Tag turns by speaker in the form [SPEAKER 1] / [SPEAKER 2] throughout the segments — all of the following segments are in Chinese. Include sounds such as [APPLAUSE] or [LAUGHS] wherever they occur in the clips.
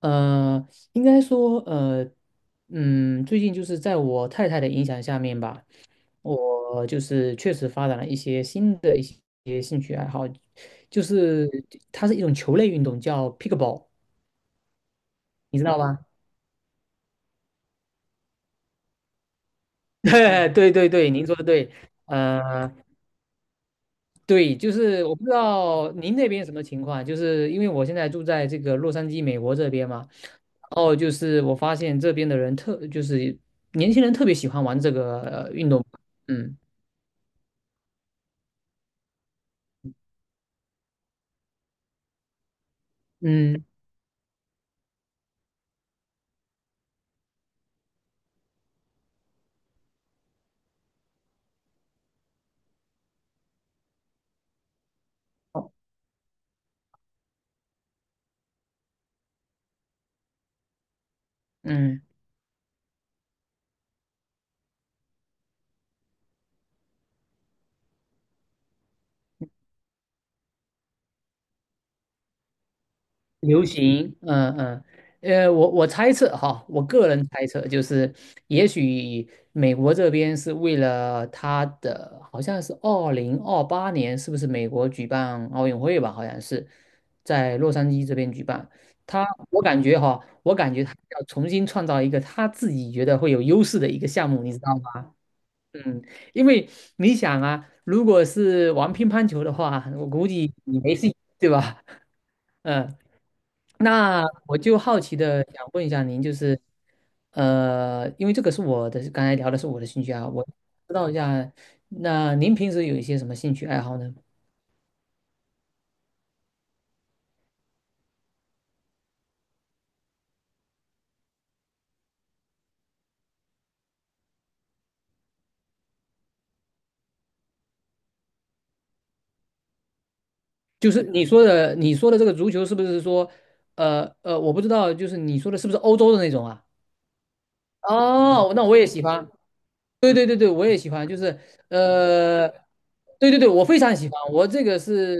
[SPEAKER 1] 应该说，最近就是在我太太的影响下面吧，我就是确实发展了一些新的一些兴趣爱好，就是它是一种球类运动，叫 pickleball，你知道吗？[LAUGHS] 对对对，您说的对。呃，对，就是我不知道您那边什么情况，就是因为我现在住在这个洛杉矶，美国这边嘛。哦，就是我发现这边的人特，就是年轻人特别喜欢玩这个运动，嗯。嗯嗯，流行，嗯嗯。我猜测哈，我个人猜测就是，也许美国这边是为了他的，好像是2028年，是不是美国举办奥运会吧？好像是在洛杉矶这边举办。他，我感觉哈，我感觉他要重新创造一个他自己觉得会有优势的一个项目，你知道吗？嗯，因为你想啊，如果是玩乒乓球的话，我估计你没戏，对吧？[LAUGHS] 嗯，那我就好奇的想问一下您，就是，因为这个是我的，刚才聊的是我的兴趣啊，我知道一下。那您平时有一些什么兴趣爱好呢？就是你说的，这个足球是不是说，我不知道，就是你说的是不是欧洲的那种啊？哦，那我也喜欢，对对对对，我也喜欢，就是呃，对对对，我非常喜欢。我这个是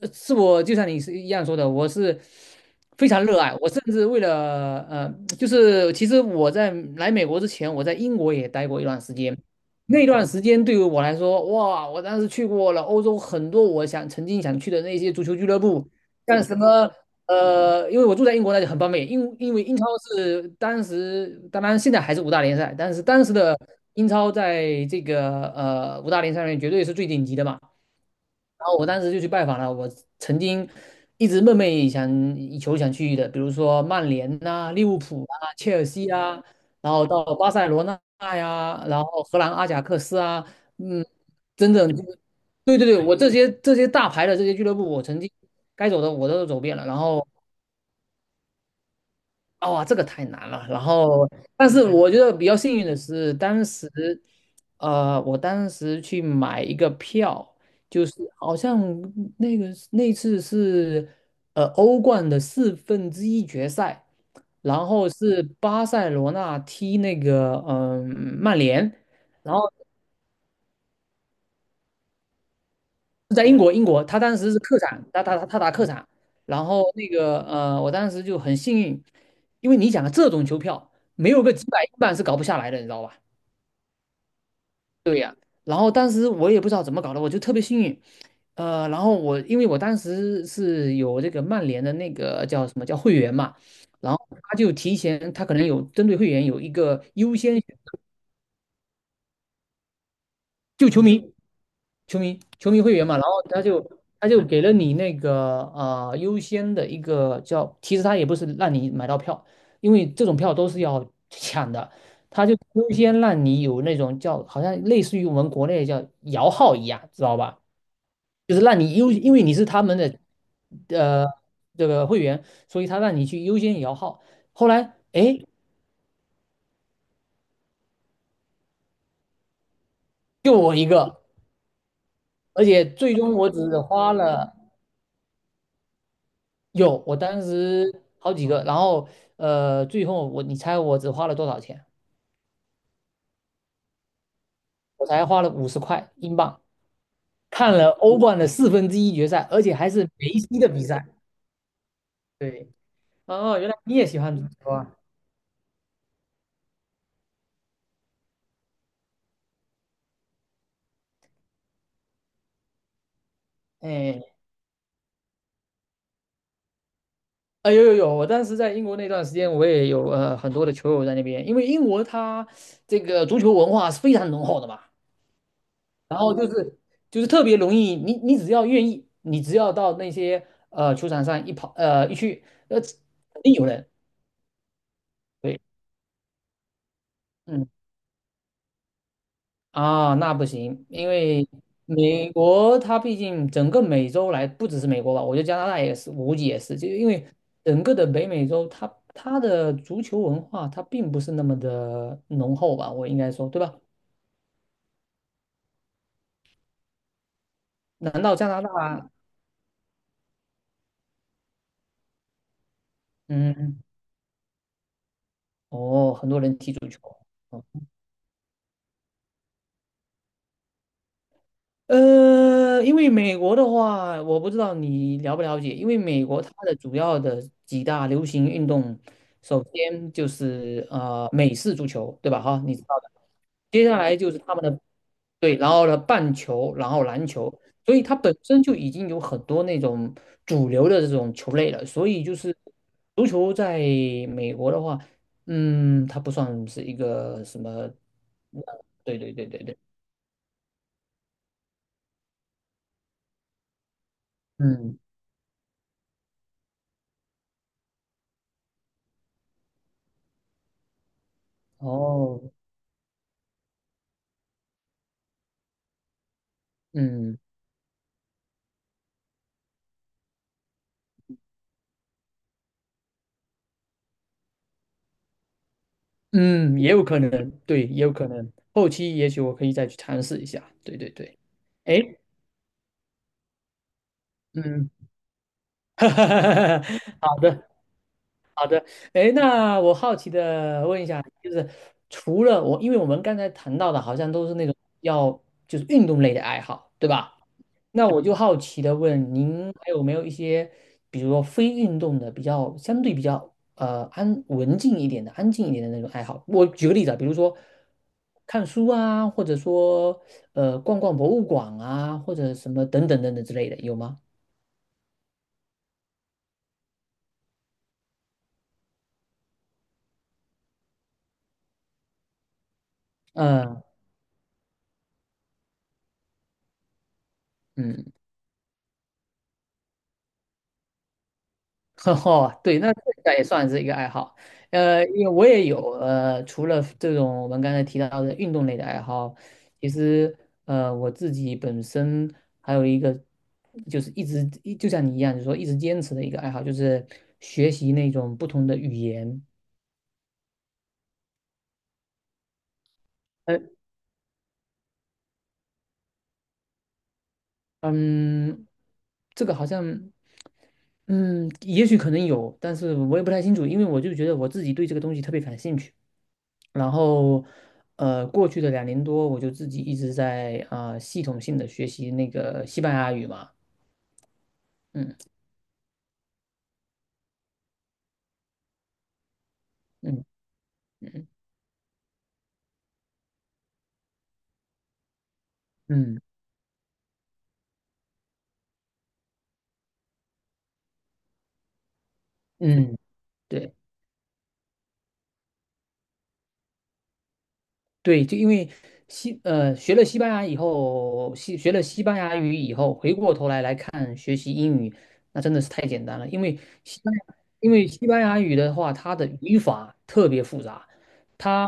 [SPEAKER 1] 呃是我就像你是一样说的，我是非常热爱。我甚至为了就是其实我在来美国之前，我在英国也待过一段时间。那段时间对于我来说，哇，我当时去过了欧洲很多我想曾经想去的那些足球俱乐部，像什么因为我住在英国，那就很方便。因为英超是当时，当然现在还是五大联赛，但是当时的英超在这个五大联赛里面绝对是最顶级的嘛。然后我当时就去拜访了我曾经一直梦寐以想以求想去的，比如说曼联呐、利物浦啊、切尔西啊，然后到巴塞罗那呀，然后荷兰阿贾克斯啊。嗯，真的。对对对，我这些大牌的这些俱乐部，我曾经该走的我都走遍了，然后。哦，这个太难了。然后，但是我觉得比较幸运的是，当时，我当时去买一个票，就是好像那次是欧冠的四分之一决赛，然后是巴塞罗那踢曼联，然后。在英国，他当时是客场，他打客场。然后我当时就很幸运。因为你想啊，这种球票没有个几百万是搞不下来的，你知道吧？然后当时我也不知道怎么搞的，我就特别幸运。然后我因为我当时是有这个曼联的那个叫什么叫会员嘛，然后他就提前，他可能有针对会员有一个优先选就球迷。球迷会员嘛，然后他就给了你那个优先的一个叫，其实他也不是让你买到票，因为这种票都是要抢的，他就优先让你有那种叫好像类似于我们国内叫摇号一样，知道吧？就是让你优，因为你是他们的呃这个会员，所以他让你去优先摇号。后来哎，就我一个。而且最终我只花了有，我当时好几个，然后最后我你猜我只花了多少钱？我才花了50块英镑，看了 [LAUGHS] 欧冠的四分之一决赛，而且还是梅西的比赛。对。哦，原来你也喜欢足球啊？哎，啊有有有，我当时在英国那段时间，我也有很多的球友在那边，因为英国它这个足球文化是非常浓厚的嘛。然后就是特别容易，你只要愿意，你只要到那些球场上一去，肯定有人。对。嗯那不行，因为美国它毕竟整个美洲来，不只是美国吧，我觉得加拿大也是，我估计也是，就因为整个的北美洲它的足球文化它并不是那么的浓厚吧，我应该说，对吧？难道加拿大？嗯，哦，很多人踢足球。哦因为美国的话，我不知道你了不了解，因为美国它的主要的几大流行运动，首先就是美式足球，对吧？哈，你知道的。接下来就是他们的，对，然后呢棒球，然后篮球，所以它本身就已经有很多那种主流的这种球类了，所以就是足球在美国的话，嗯，它不算是一个什么。对对对对对，嗯，哦。嗯嗯，也有可能，对，也有可能，后期也许我可以再去尝试一下。对对对，哎，嗯，[LAUGHS] 好的。哎，那我好奇的问一下，就是除了我，因为我们刚才谈到的，好像都是那种要就是运动类的爱好，对吧？那我就好奇的问您，还有没有一些，比如说非运动的，比较相对比较安静一点的那种爱好？我举个例子啊，比如说看书啊，或者说逛逛博物馆啊，或者什么等等等等之类的，有吗？呃嗯嗯。[LAUGHS] 哦，对，那这个也算是一个爱好。因为我也有除了这种我们刚才提到的运动类的爱好，其实我自己本身还有一个，就是一直一就像你一样，就是说一直坚持的一个爱好，就是学习那种不同的语言。呃，嗯，这个好像，嗯，也许可能有，但是我也不太清楚，因为我就觉得我自己对这个东西特别感兴趣。然后，过去的2年多，我就自己一直在啊、系统性的学习那个西班牙语嘛。嗯嗯嗯嗯嗯，对。对，就因为学了西班牙以后，学了西班牙语以后，回过头来看学习英语，那真的是太简单了。因为西班牙语的话，它的语法特别复杂。它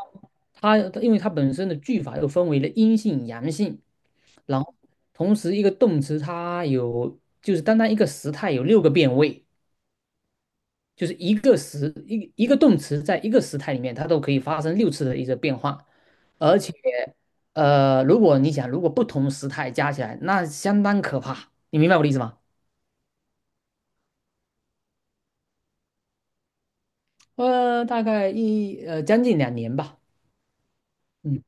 [SPEAKER 1] 它因为它本身的句法又分为了阴性、阳性，然后同时一个动词它有就是单单一个时态有6个变位。就是一个动词在一个时态里面，它都可以发生6次的一个变化。而且如果你想，如果不同时态加起来，那相当可怕，你明白我的意思吗？大概将近两年吧。嗯，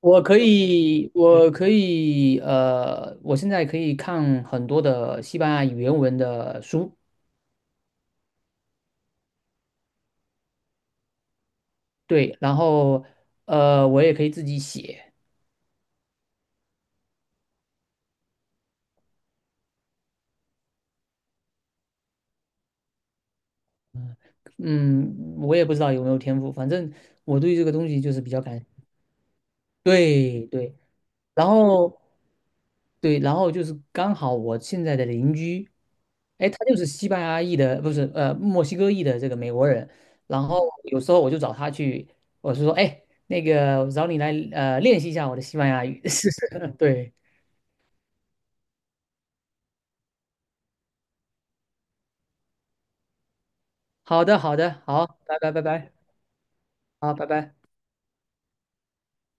[SPEAKER 1] 我现在可以看很多的西班牙语原文的书。对，然后我也可以自己写。嗯，我也不知道有没有天赋，反正我对这个东西就是比较感对对，然后对，然后就是刚好我现在的邻居，哎，他就是西班牙裔的，不是墨西哥裔的这个美国人。然后有时候我就找他去，我是说，哎，那个我找你来练习一下我的西班牙语。[LAUGHS] 对，好的好的，好，拜拜拜拜，好，拜拜。